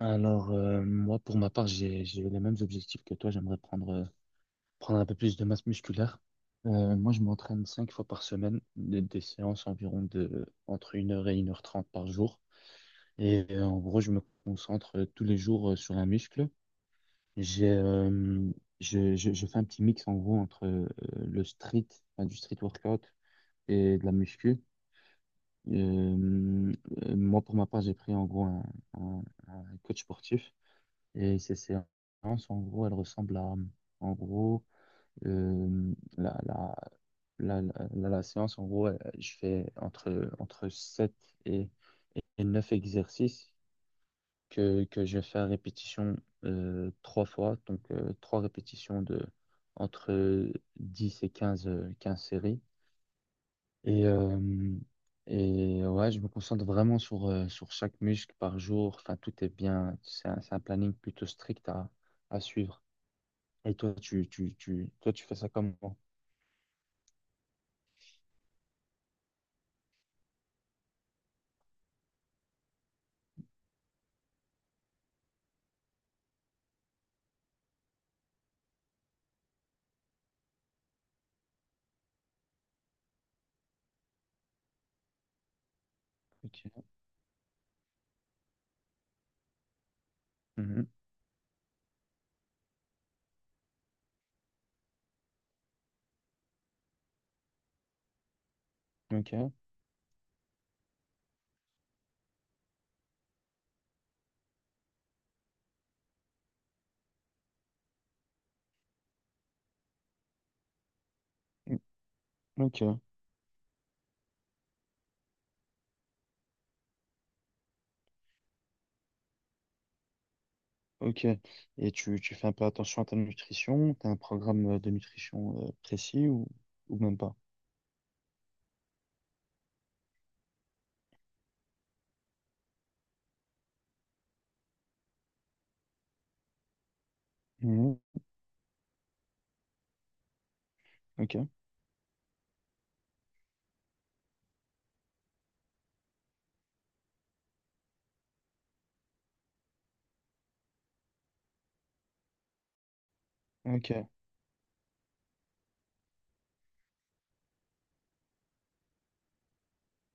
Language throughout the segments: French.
Alors, moi, pour ma part, j'ai les mêmes objectifs que toi. J'aimerais prendre un peu plus de masse musculaire. Moi, je m'entraîne cinq fois par semaine, des séances environ de entre 1 h et 1 h 30 par jour. Et en gros, je me concentre tous les jours sur un muscle. J'ai, euh, je fais un petit mix en gros entre le street, enfin, du street workout et de la muscu. Euh, Moi, pour ma part, j'ai pris en gros un coach sportif. Et ces séances, en gros, elles ressemblent à, en gros, euh, la, la, la séance, en gros, je fais entre 7 et, et 9 exercices que je fais faire répétition trois fois, donc trois répétitions de entre 10 et 15 15 séries. Et, euh, et ouais, je me concentre vraiment sur chaque muscle par jour. Enfin, tout est bien. C'est un planning plutôt strict à suivre. Et toi, tu fais ça comment? Ok. Mhm. Ok. Mm. Ok. Ok. Et tu fais un peu attention à ta nutrition? T'as un programme de nutrition précis ou même pas? Mhm. Ok. Ok.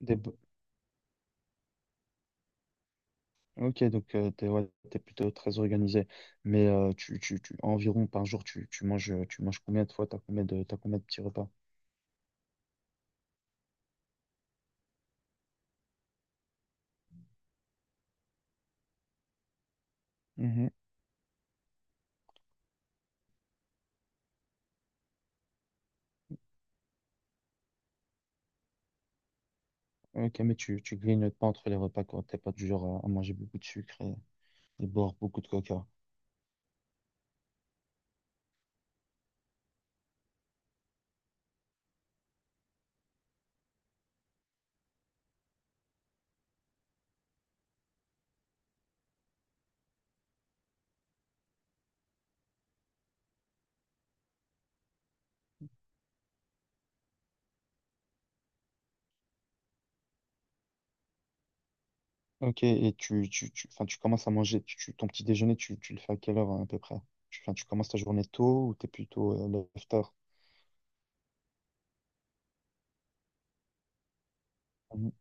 Des bo- Ok, donc ouais, t'es plutôt très organisé. Mais, environ par jour, tu manges combien de fois? T'as combien de petits repas? Mhm. Ok, mais tu grignotes pas entre les repas quand t'es pas du genre à manger beaucoup de sucre et boire beaucoup de coca. Ok, et enfin, tu commences à manger, ton petit déjeuner, tu le fais à quelle heure hein, à peu près? Enfin, tu commences ta journée tôt ou t'es plutôt lève-tard? Mhm.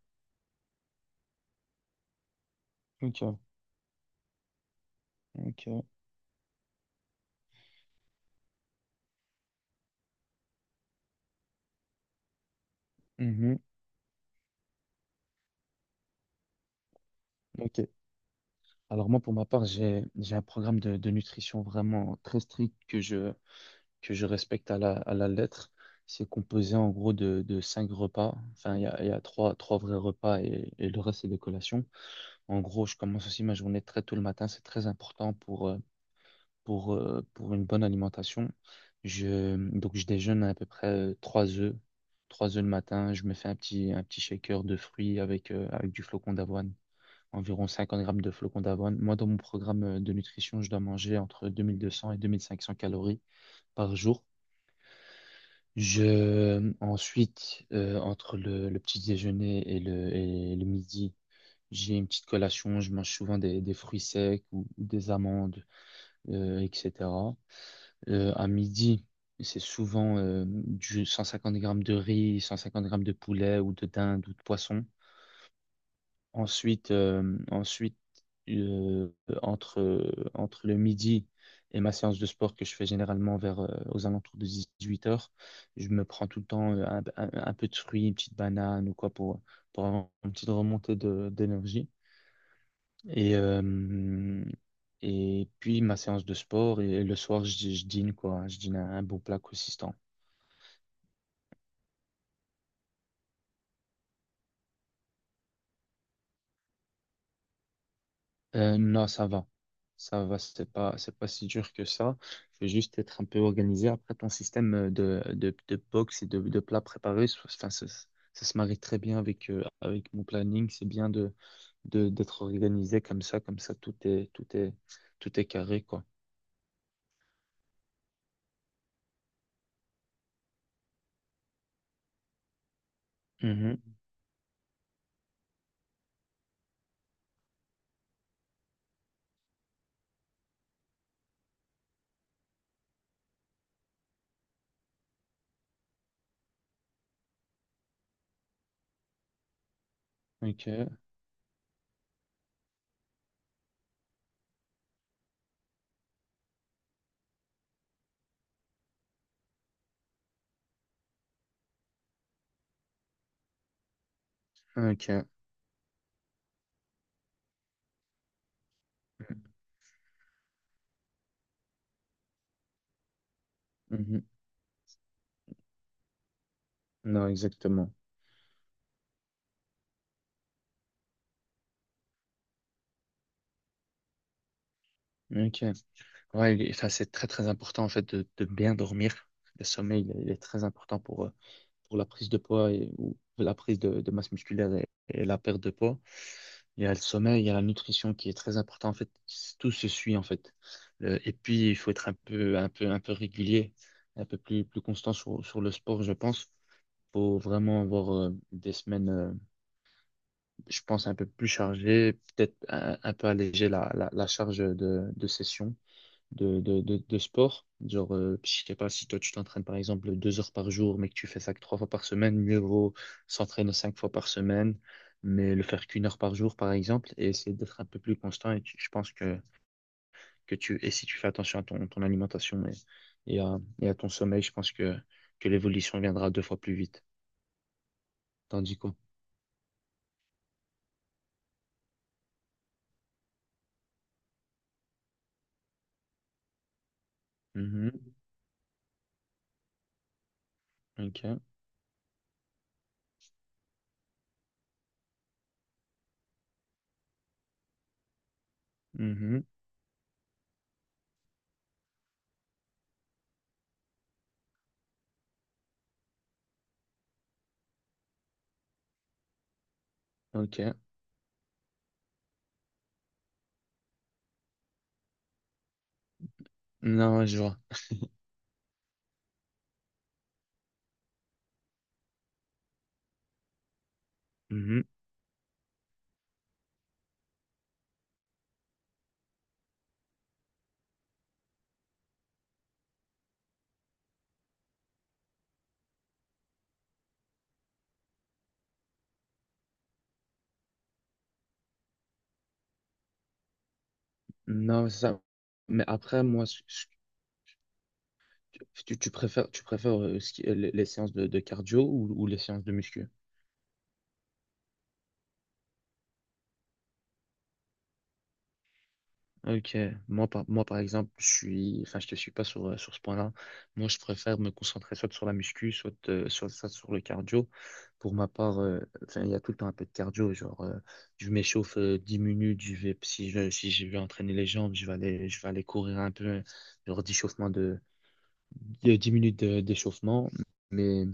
Ok, ok. Mhm. Ok. Alors moi, pour ma part, j'ai un programme de nutrition vraiment très strict que je respecte à la lettre. C'est composé en gros de cinq repas. Enfin, il y a trois vrais repas et le reste, c'est des collations. En gros, je commence aussi ma journée très tôt le matin. C'est très important pour une bonne alimentation. Donc, je déjeune à peu près trois œufs. Trois œufs le matin. Je me fais un petit shaker de fruits avec du flocon d'avoine. Environ 50 grammes de flocon d'avoine. Moi, dans mon programme de nutrition, je dois manger entre 2 200 et 2 500 calories par jour. Ensuite, entre le petit déjeuner et le midi, j'ai une petite collation, je mange souvent des fruits secs ou des amandes, etc. À midi, c'est souvent du 150 grammes de riz, 150 grammes de poulet ou de dinde ou de poisson. Ensuite, euh, entre le midi et ma séance de sport que je fais généralement aux alentours de 18 heures. Je me prends tout le temps un peu de fruits, une petite banane ou quoi pour avoir une petite remontée d'énergie. Et, euh, et puis ma séance de sport, et le soir, je dîne un beau plat consistant. Non, ça va. Ça va, c'est pas si dur que ça. Il faut juste être un peu organisé. Après, ton système de box et de plats préparés, enfin, ça se marie très bien avec mon planning. C'est bien d'être organisé comme ça, tout est carré, quoi. Mhm. Ok, ok. Mhm. Non, exactement. Ok. Ouais, il enfin, c'est très très important en fait de bien dormir. Le sommeil, il est très important pour la prise de poids et, ou la prise de masse musculaire et la perte de poids. Il y a le sommeil, il y a la nutrition qui est très important en fait. Tout se suit en fait. Et puis il faut être un peu régulier, un peu plus constant sur le sport, je pense. Faut vraiment avoir des semaines, je pense un peu plus chargées, peut-être un peu alléger la charge de session de sport. Genre, je sais pas si toi tu t'entraînes par exemple 2 heures par jour, mais que tu fais ça que trois fois par semaine, mieux vaut s'entraîner cinq fois par semaine, mais le faire qu'une heure par jour par exemple, et essayer d'être un peu plus constant. Je pense que et si tu fais attention à ton alimentation et à ton sommeil, je pense que l'évolution viendra deux fois plus vite. Tandis quoi? Mhm, ok, mhm, ok. Non, je vois. Mhm. Non, c'est ça. Mais après, moi, ce. Tu préfères, les séances de cardio ou les séances de muscu? Ok, moi par exemple, enfin, je te suis pas sur ce point-là. Moi, je préfère me concentrer soit sur la muscu, soit sur le cardio. Pour ma part, enfin, il y a tout le temps un peu de cardio. Genre, je m'échauffe 10 minutes. Je vais, si je, si je vais entraîner les jambes, je vais aller courir un peu, genre d'échauffement de 10 minutes d'échauffement. Mais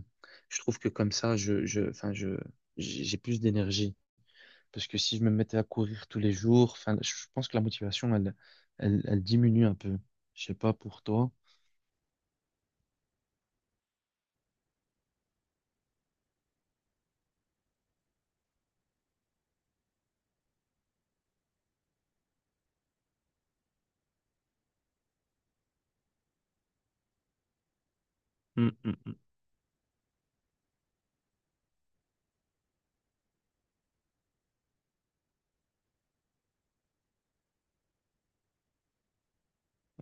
je trouve que comme ça, enfin, j'ai plus d'énergie. Parce que si je me mettais à courir tous les jours, enfin, je pense que la motivation, elle diminue un peu. Je sais pas pour toi. Mm, mm, mm.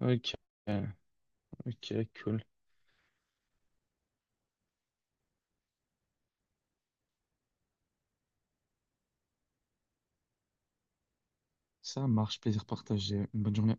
Ok, ok, cool. Ça marche, plaisir partagé. Une bonne journée.